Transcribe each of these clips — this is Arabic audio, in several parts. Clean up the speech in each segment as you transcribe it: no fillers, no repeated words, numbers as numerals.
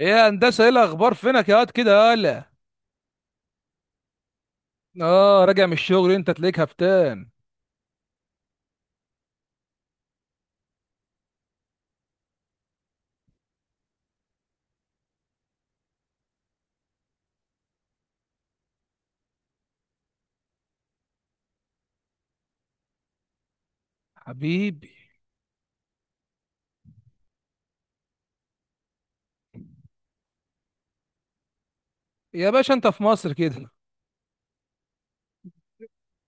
ايه يا هندسه، ايه الاخبار؟ فينك يا واد كده؟ يالا. اه، راجع من الشغل. انت تلاقيك هفتان؟ حبيبي. يا باشا، انت في مصر كده.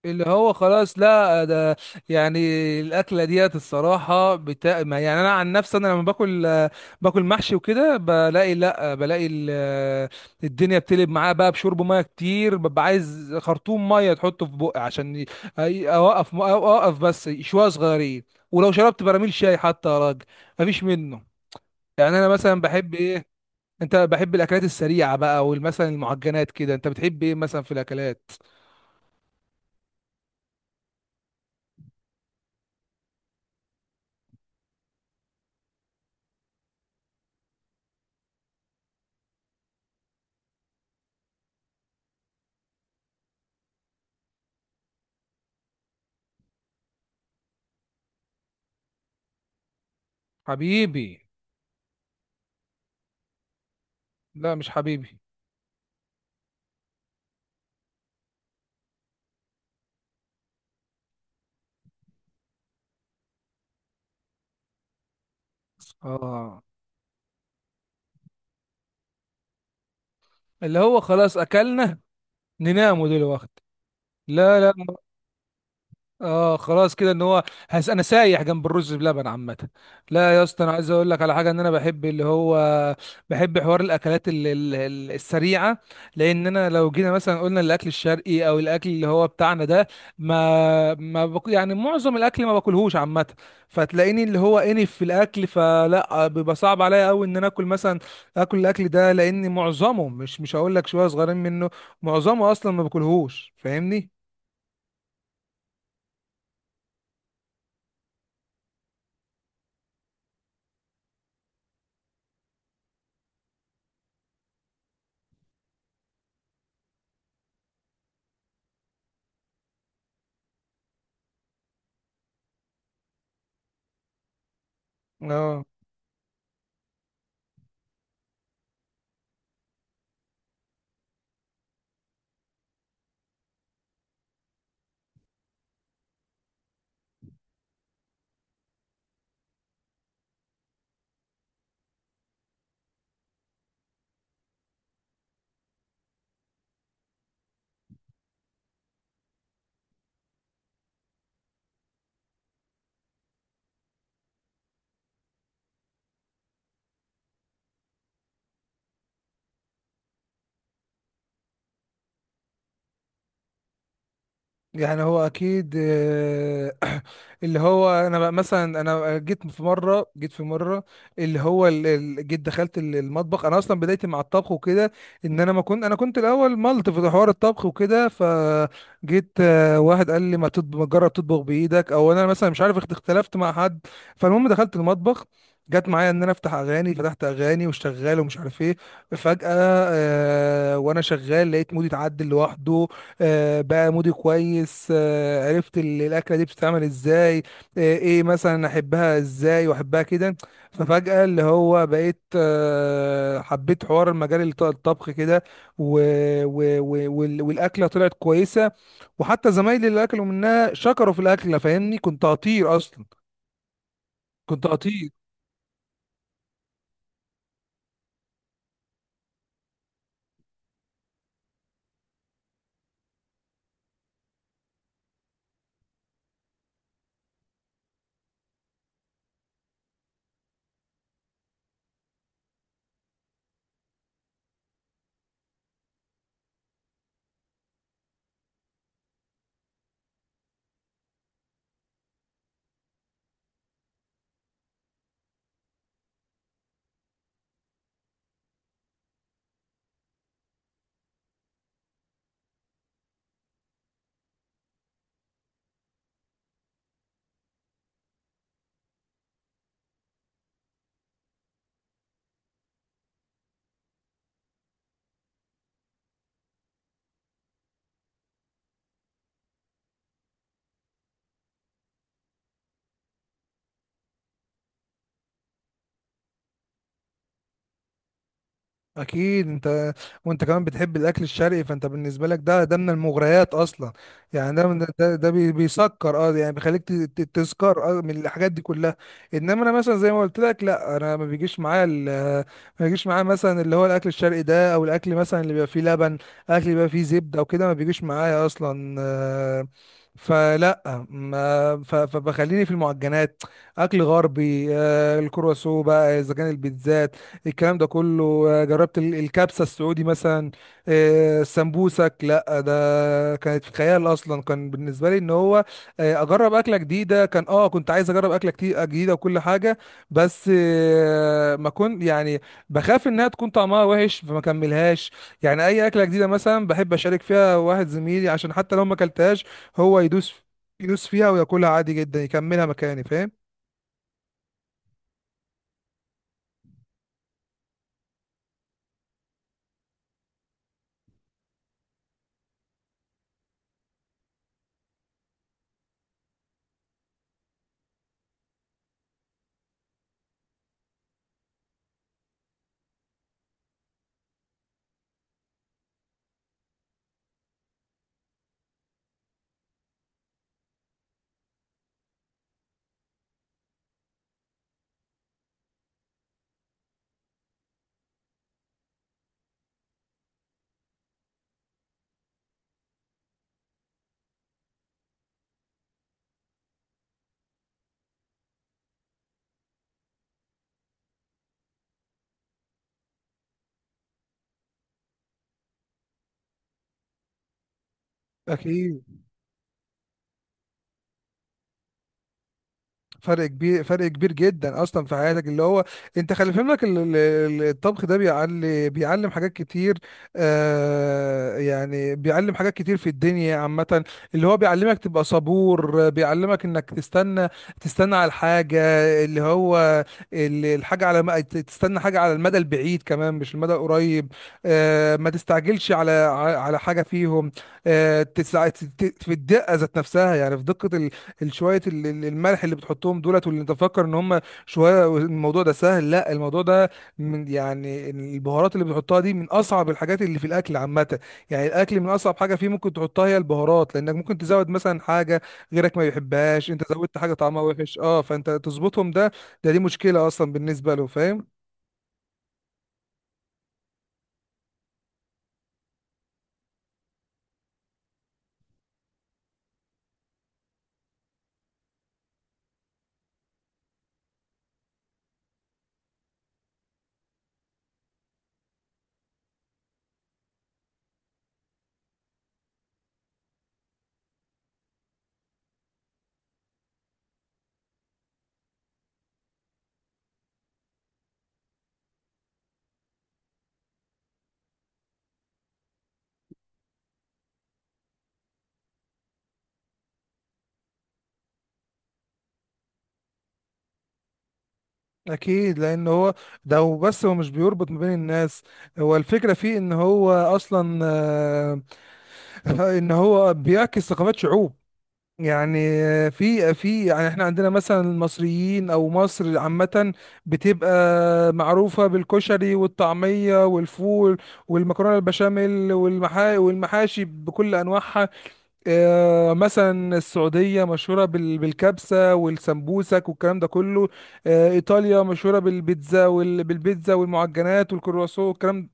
اللي هو خلاص، لا ده. يعني، الاكله ديت الصراحه ما يعني، انا عن نفسي انا لما باكل، باكل محشي وكده بلاقي لا بلاقي ال- الدنيا بتقلب معاه بقى، بشرب ميه كتير، ببقى عايز خرطوم ميه تحطه في بقي عشان اوقف اوقف، بس شويه صغيرين. ولو شربت براميل شاي حتى يا راجل، مفيش منه. يعني انا مثلا بحب ايه؟ انت بحب الاكلات السريعه بقى، والمثلا المعجنات كده؟ انت بتحب ايه مثلا في الاكلات؟ حبيبي. لا مش حبيبي. اه، اللي هو خلاص اكلنا، نناموا دلوقتي؟ لا، لا. اه خلاص، كده ان هو هس، انا سايح جنب الرز بلبن عامه. لا يا اسطى، انا عايز اقول لك على حاجه. ان انا بحب اللي هو بحب حوار الاكلات السريعه. لان انا لو جينا مثلا قلنا الاكل الشرقي، او الاكل اللي هو بتاعنا ده، ما ما بق... يعني معظم الاكل ما باكلهوش عامه. فتلاقيني اللي هو انف في الاكل، فلا بيبقى صعب عليا قوي ان انا اكل مثلا، اكل الاكل ده، لان معظمه مش هقول لك شويه صغيرين منه. معظمه اصلا ما باكلهوش، فاهمني؟ اه، يعني هو اكيد. اللي هو انا بقى مثلا، انا جيت في مره. اللي هو جيت دخلت المطبخ. انا اصلا بدايتي مع الطبخ وكده، ان انا ما كنت، انا كنت الاول ملط في حوار الطبخ وكده. فجيت واحد قال لي ما تجرب تطبخ بايدك، او انا مثلا مش عارف، اختلفت مع حد. فالمهم دخلت المطبخ، جت معايا ان انا افتح اغاني. فتحت اغاني وشغال ومش عارف ايه، فجأة، وانا شغال لقيت مودي اتعدل لوحده. بقى مودي كويس. عرفت الاكله دي بتتعمل ازاي، ايه مثلا احبها، ازاي واحبها كده. ففجاه اللي هو بقيت حبيت حوار المجال الطبخ كده. و... والاكله طلعت كويسه. وحتى زمايلي اللي اكلوا منها شكروا في الاكله، فاهمني؟ كنت هطير اصلا، كنت هطير. اكيد انت، وانت كمان بتحب الاكل الشرقي، فانت بالنسبه لك ده من المغريات اصلا. يعني ده بيسكر، يعني بيخليك تسكر اه من الحاجات دي كلها. انما انا مثلا زي ما قلت لك، لا، انا ما بيجيش معايا ما بيجيش معايا مثلا اللي هو الاكل الشرقي ده، او الاكل مثلا اللي بيبقى فيه لبن، اكل بيبقى فيه زبده وكده، ما بيجيش معايا اصلا. فلا ما ف- فبخليني في المعجنات، اكل غربي. الكرواسون بقى، اذا كان البيتزا، الكلام ده كله. جربت الكبسة السعودي مثلا. سمبوسك. لا ده كانت خيال اصلا، كان بالنسبة لي ان هو اجرب اكلة جديدة. كان، كنت عايز اجرب اكلة كتير جديدة، وكل حاجة. بس ما كنت يعني بخاف انها تكون طعمها وحش، فما كملهاش. يعني اي اكلة جديدة مثلا بحب اشارك فيها واحد زميلي، عشان حتى لو ما اكلتهاش، هو يدوس فيها وياكلها عادي جدا، يكملها مكاني. فاهم؟ اكيد، فرق كبير، فرق كبير جدا اصلا في حياتك، اللي هو انت خلي في بالك الطبخ ده بيعلم حاجات كتير. يعني بيعلم حاجات كتير في الدنيا عامة. اللي هو بيعلمك تبقى صبور، بيعلمك انك تستنى، تستنى على الحاجة، اللي هو الحاجة، تستنى حاجة على المدى البعيد كمان، مش المدى القريب. آه، ما تستعجلش على حاجة فيهم. آه، في الدقة ذات نفسها، يعني في دقة الشوية، الملح اللي بتحطهم دولت، واللي انت فاكر ان هم شوية الموضوع ده سهل، لا الموضوع ده من، يعني البهارات اللي بتحطها دي من اصعب الحاجات اللي في الاكل عامة. يعني الاكل من اصعب حاجة فيه ممكن تحطها هي البهارات، لانك ممكن تزود مثلا حاجة غيرك ما يحبهاش، انت زودت حاجة طعمها وحش. اه، فانت تظبطهم. ده دي مشكلة اصلا بالنسبة له، فاهم؟ اكيد لان هو، ده هو، بس هو مش بيربط ما بين الناس. هو الفكرة فيه ان هو اصلا، ان هو بيعكس ثقافات شعوب. يعني، في، يعني احنا عندنا مثلا المصريين، او مصر عامة بتبقى معروفة بالكشري والطعمية والفول والمكرونة البشاميل، والمحاشي بكل انواعها. اه، مثلا السعودية مشهورة بالكبسة والسمبوسك والكلام ده كله. اه، ايطاليا مشهورة بالبيتزا والمعجنات والكرواسون والكلام.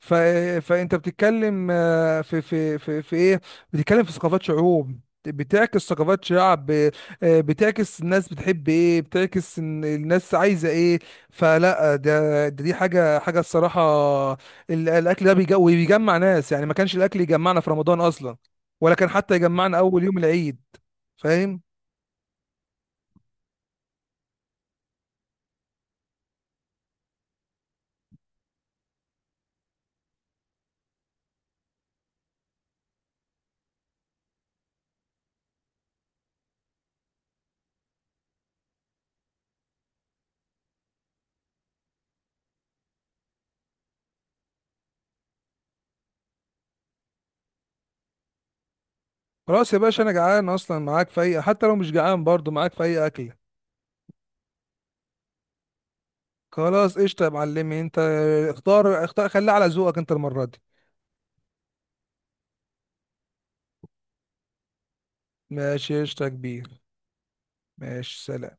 ف... فانت بتتكلم في ايه، بتتكلم في ثقافات شعوب، بتعكس ثقافات شعب بتعكس الناس بتحب ايه، بتعكس إن الناس عايزه ايه. فلا ده دي حاجه الصراحه. الاكل ده بيجمع ناس. يعني ما كانش الاكل يجمعنا في رمضان اصلا؟ ولا كان حتى يجمعنا اول يوم العيد؟ فاهم؟ خلاص يا باشا، انا جعان اصلا، معاك في اي. حتى لو مش جعان برضو معاك في اي اكل. خلاص قشطه يا معلمي، انت اختار، اختار، خليها على ذوقك انت المره دي. ماشي قشطة يا كبير. ماشي، سلام.